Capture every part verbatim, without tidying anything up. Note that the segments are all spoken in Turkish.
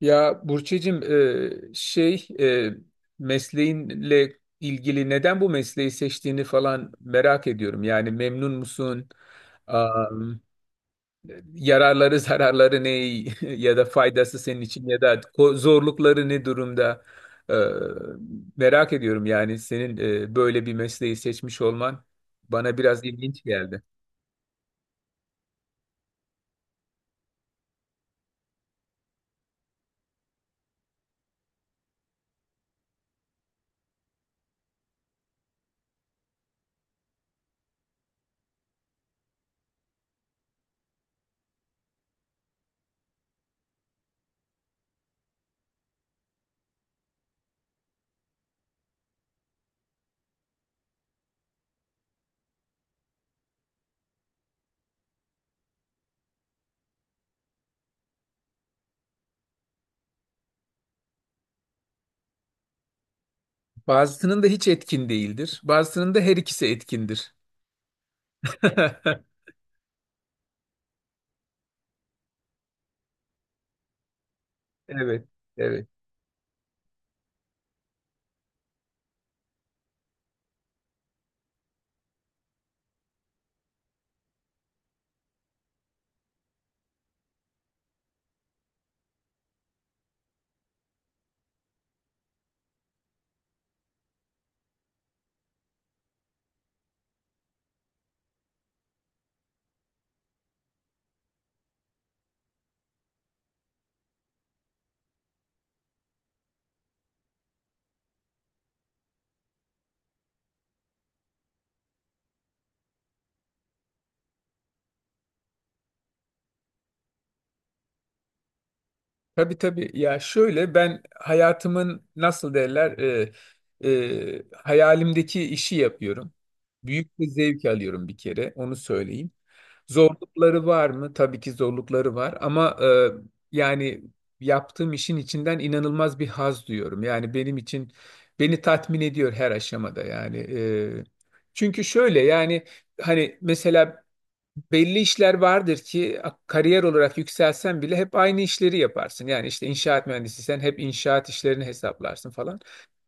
Ya Burçecim, e, şey e, mesleğinle ilgili neden bu mesleği seçtiğini falan merak ediyorum. Yani memnun musun? Am, yararları zararları ne ya da faydası senin için ya da ko- zorlukları ne durumda? E, Merak ediyorum yani senin e, böyle bir mesleği seçmiş olman bana biraz ilginç geldi. Bazısının da hiç etkin değildir. Bazısının da her ikisi etkindir. Evet, evet. Tabii, tabii. Ya şöyle, ben hayatımın nasıl derler e, e, hayalimdeki işi yapıyorum. Büyük bir zevk alıyorum, bir kere onu söyleyeyim. Zorlukları var mı? Tabii ki zorlukları var ama e, yani yaptığım işin içinden inanılmaz bir haz duyuyorum. Yani benim için beni tatmin ediyor her aşamada yani. E, çünkü şöyle yani, hani mesela belli işler vardır ki kariyer olarak yükselsen bile hep aynı işleri yaparsın. Yani işte inşaat mühendisiysen hep inşaat işlerini hesaplarsın falan.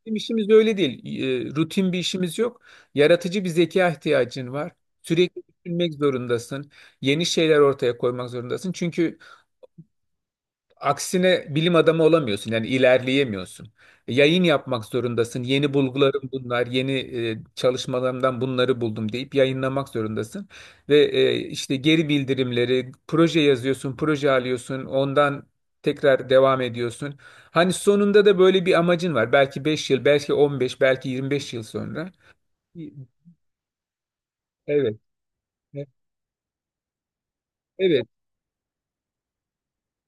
Bizim işimiz öyle değil. E, rutin bir işimiz yok. Yaratıcı bir zeka ihtiyacın var. Sürekli düşünmek zorundasın. Yeni şeyler ortaya koymak zorundasın. Çünkü Aksine bilim adamı olamıyorsun yani ilerleyemiyorsun. E, Yayın yapmak zorundasın. Yeni bulgularım bunlar, yeni e, çalışmalarımdan bunları buldum deyip yayınlamak zorundasın. Ve e, işte geri bildirimleri, proje yazıyorsun, proje alıyorsun, ondan tekrar devam ediyorsun. Hani sonunda da böyle bir amacın var. Belki beş yıl, belki on beş, belki yirmi beş yıl sonra. Evet. Evet.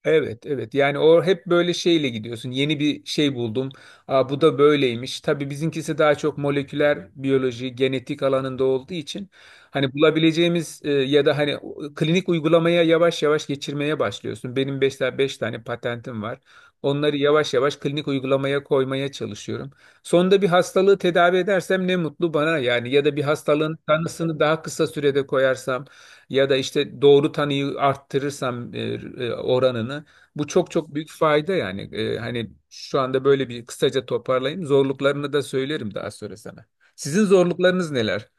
Evet, evet. Yani o hep böyle şeyle gidiyorsun. Yeni bir şey buldum. Aa, bu da böyleymiş. Tabii bizimkisi daha çok moleküler biyoloji, genetik alanında olduğu için hani bulabileceğimiz e, ya da hani o- klinik uygulamaya yavaş yavaş geçirmeye başlıyorsun. Benim 5 tane, beş tane patentim var. Onları yavaş yavaş klinik uygulamaya koymaya çalışıyorum. Sonunda bir hastalığı tedavi edersem ne mutlu bana yani, ya da bir hastalığın tanısını daha kısa sürede koyarsam ya da işte doğru tanıyı arttırırsam e, e, oranını, bu çok çok büyük fayda yani. E, hani şu anda böyle bir kısaca toparlayayım. Zorluklarını da söylerim daha sonra sana. Sizin zorluklarınız neler?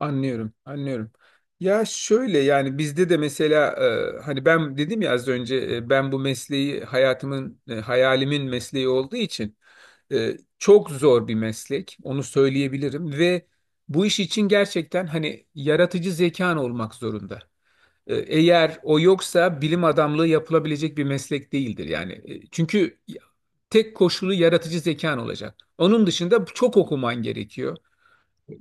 Anlıyorum, anlıyorum. Ya şöyle yani, bizde de mesela e, hani ben dedim ya az önce, e, ben bu mesleği hayatımın e, hayalimin mesleği olduğu için e, çok zor bir meslek, onu söyleyebilirim ve bu iş için gerçekten hani yaratıcı zekan olmak zorunda. E, Eğer o yoksa bilim adamlığı yapılabilecek bir meslek değildir yani. E, Çünkü tek koşulu yaratıcı zekan olacak. Onun dışında çok okuman gerekiyor.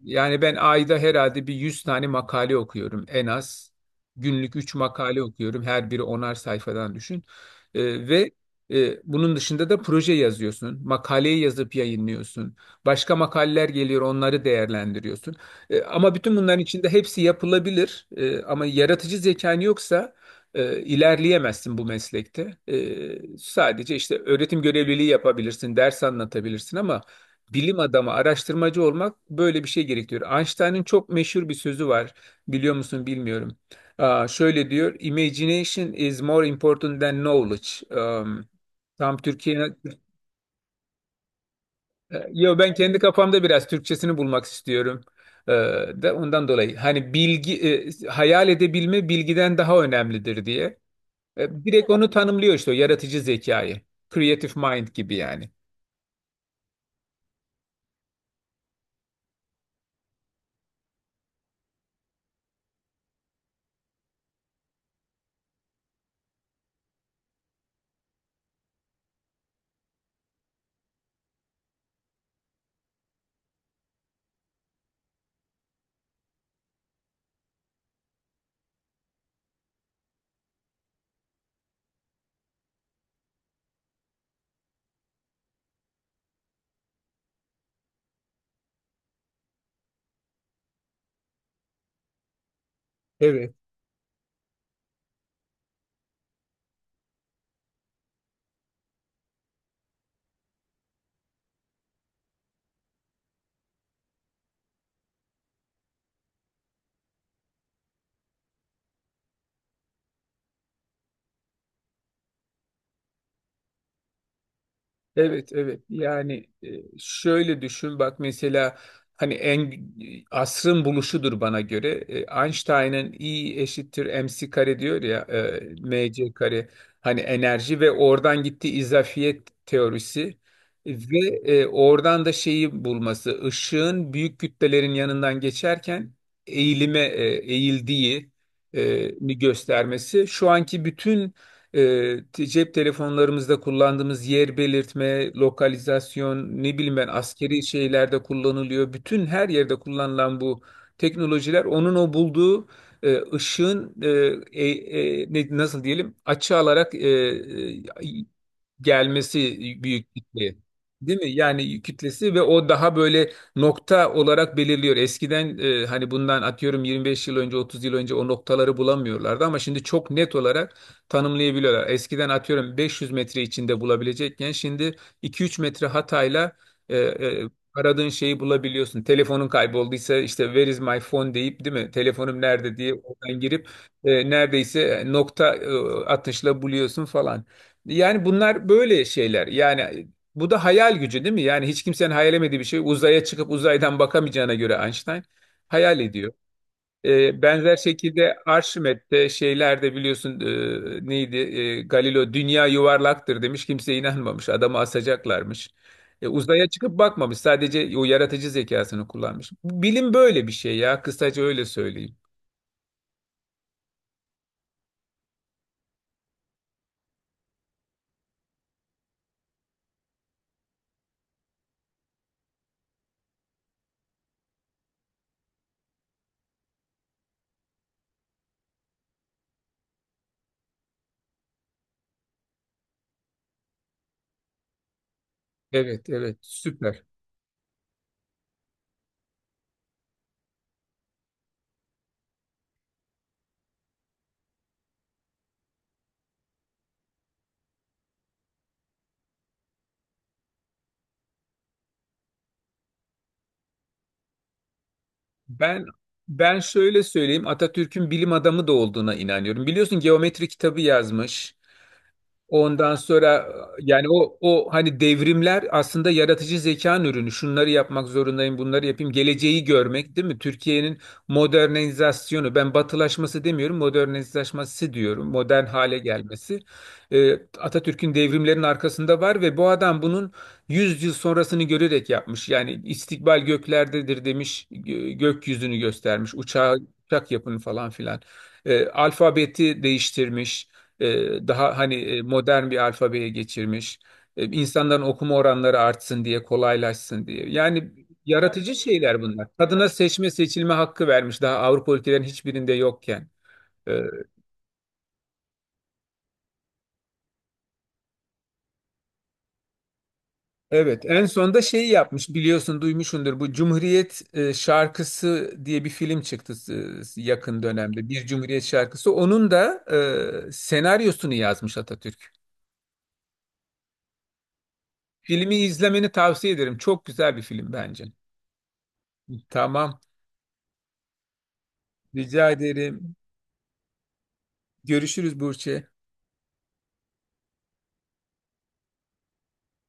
Yani ben ayda herhalde bir yüz tane makale okuyorum en az. Günlük üç makale okuyorum. Her biri onar sayfadan düşün. Ee, ve e, bunun dışında da proje yazıyorsun. Makaleyi yazıp yayınlıyorsun. Başka makaleler geliyor, onları değerlendiriyorsun. Ee, ama bütün bunların içinde hepsi yapılabilir. Ee, ama yaratıcı zekan yoksa e, ilerleyemezsin bu meslekte. Ee, sadece işte öğretim görevliliği yapabilirsin, ders anlatabilirsin ama bilim adamı, araştırmacı olmak böyle bir şey gerektiriyor. Einstein'ın çok meşhur bir sözü var. Biliyor musun bilmiyorum. Aa, şöyle diyor: "Imagination is more important than knowledge." Um, tam Türkiye... Yo, ben kendi kafamda biraz Türkçesini bulmak istiyorum. Ee, De ondan dolayı hani bilgi, e, hayal edebilme bilgiden daha önemlidir diye. E, direkt onu tanımlıyor işte, o yaratıcı zekayı. Creative mind gibi yani. Evet. Evet, evet yani e, şöyle düşün bak mesela, hani en asrın buluşudur bana göre, E, Einstein'ın E eşittir mc kare diyor ya, e, mc kare, hani enerji ve oradan gittiği izafiyet teorisi ve e, oradan da şeyi bulması, ışığın büyük kütlelerin yanından geçerken eğilime e, eğildiği e, mi göstermesi, şu anki bütün e, te- cep telefonlarımızda kullandığımız yer belirtme, lokalizasyon, ne bileyim ben, askeri şeylerde kullanılıyor. Bütün her yerde kullanılan bu teknolojiler onun o bulduğu e, ışığın e, e, e, ne- nasıl diyelim, açı alarak e, e, gelmesi, büyük kitle. Değil mi? Yani kütlesi ve o daha böyle nokta olarak belirliyor. Eskiden e, hani bundan atıyorum yirmi beş yıl önce, otuz yıl önce o noktaları bulamıyorlardı ama şimdi çok net olarak tanımlayabiliyorlar. Eskiden atıyorum beş yüz metre içinde bulabilecekken şimdi iki üç metre hatayla e, e, aradığın şeyi bulabiliyorsun. Telefonun kaybolduysa işte "where is my phone" deyip, değil mi? Telefonum nerede diye oradan girip e, neredeyse nokta e, atışla buluyorsun falan. Yani bunlar böyle şeyler. Yani e, bu da hayal gücü değil mi? Yani hiç kimsenin hayal edemediği bir şey. Uzaya çıkıp uzaydan bakamayacağına göre Einstein hayal ediyor. Ee, benzer şekilde Arşimet'te şeylerde biliyorsun, e, neydi? E, Galileo dünya yuvarlaktır demiş. Kimse inanmamış. Adamı asacaklarmış. E, uzaya çıkıp bakmamış. Sadece o yaratıcı zekasını kullanmış. Bilim böyle bir şey ya. Kısaca öyle söyleyeyim. Evet, evet. Süper. Ben ben şöyle söyleyeyim, Atatürk'ün bilim adamı da olduğuna inanıyorum. Biliyorsun geometri kitabı yazmış. Ondan sonra yani o o hani devrimler aslında yaratıcı zekanın ürünü. Şunları yapmak zorundayım, bunları yapayım. Geleceği görmek değil mi? Türkiye'nin modernizasyonu. Ben batılaşması demiyorum, modernizasyonu diyorum. Modern hale gelmesi. Ee, Atatürk'ün devrimlerin arkasında var ve bu adam bunun yüz yıl sonrasını görerek yapmış. Yani istikbal göklerdedir demiş, gö- gökyüzünü göstermiş. Uçağı, uçak yapın falan filan. Ee, alfabeti değiştirmiş. E, Daha hani e, modern bir alfabeye geçirmiş. E, insanların okuma oranları artsın diye, kolaylaşsın diye. Yani yaratıcı şeyler bunlar. Kadına seçme seçilme hakkı vermiş, daha Avrupa ülkelerin hiçbirinde yokken. E, Evet, en son da şeyi yapmış, biliyorsun duymuşsundur, bu Cumhuriyet e, şarkısı diye bir film çıktı e, yakın dönemde, bir Cumhuriyet şarkısı, onun da e, senaryosunu yazmış Atatürk. Filmi izlemeni tavsiye ederim, çok güzel bir film bence. Tamam, rica ederim. Görüşürüz Burçe.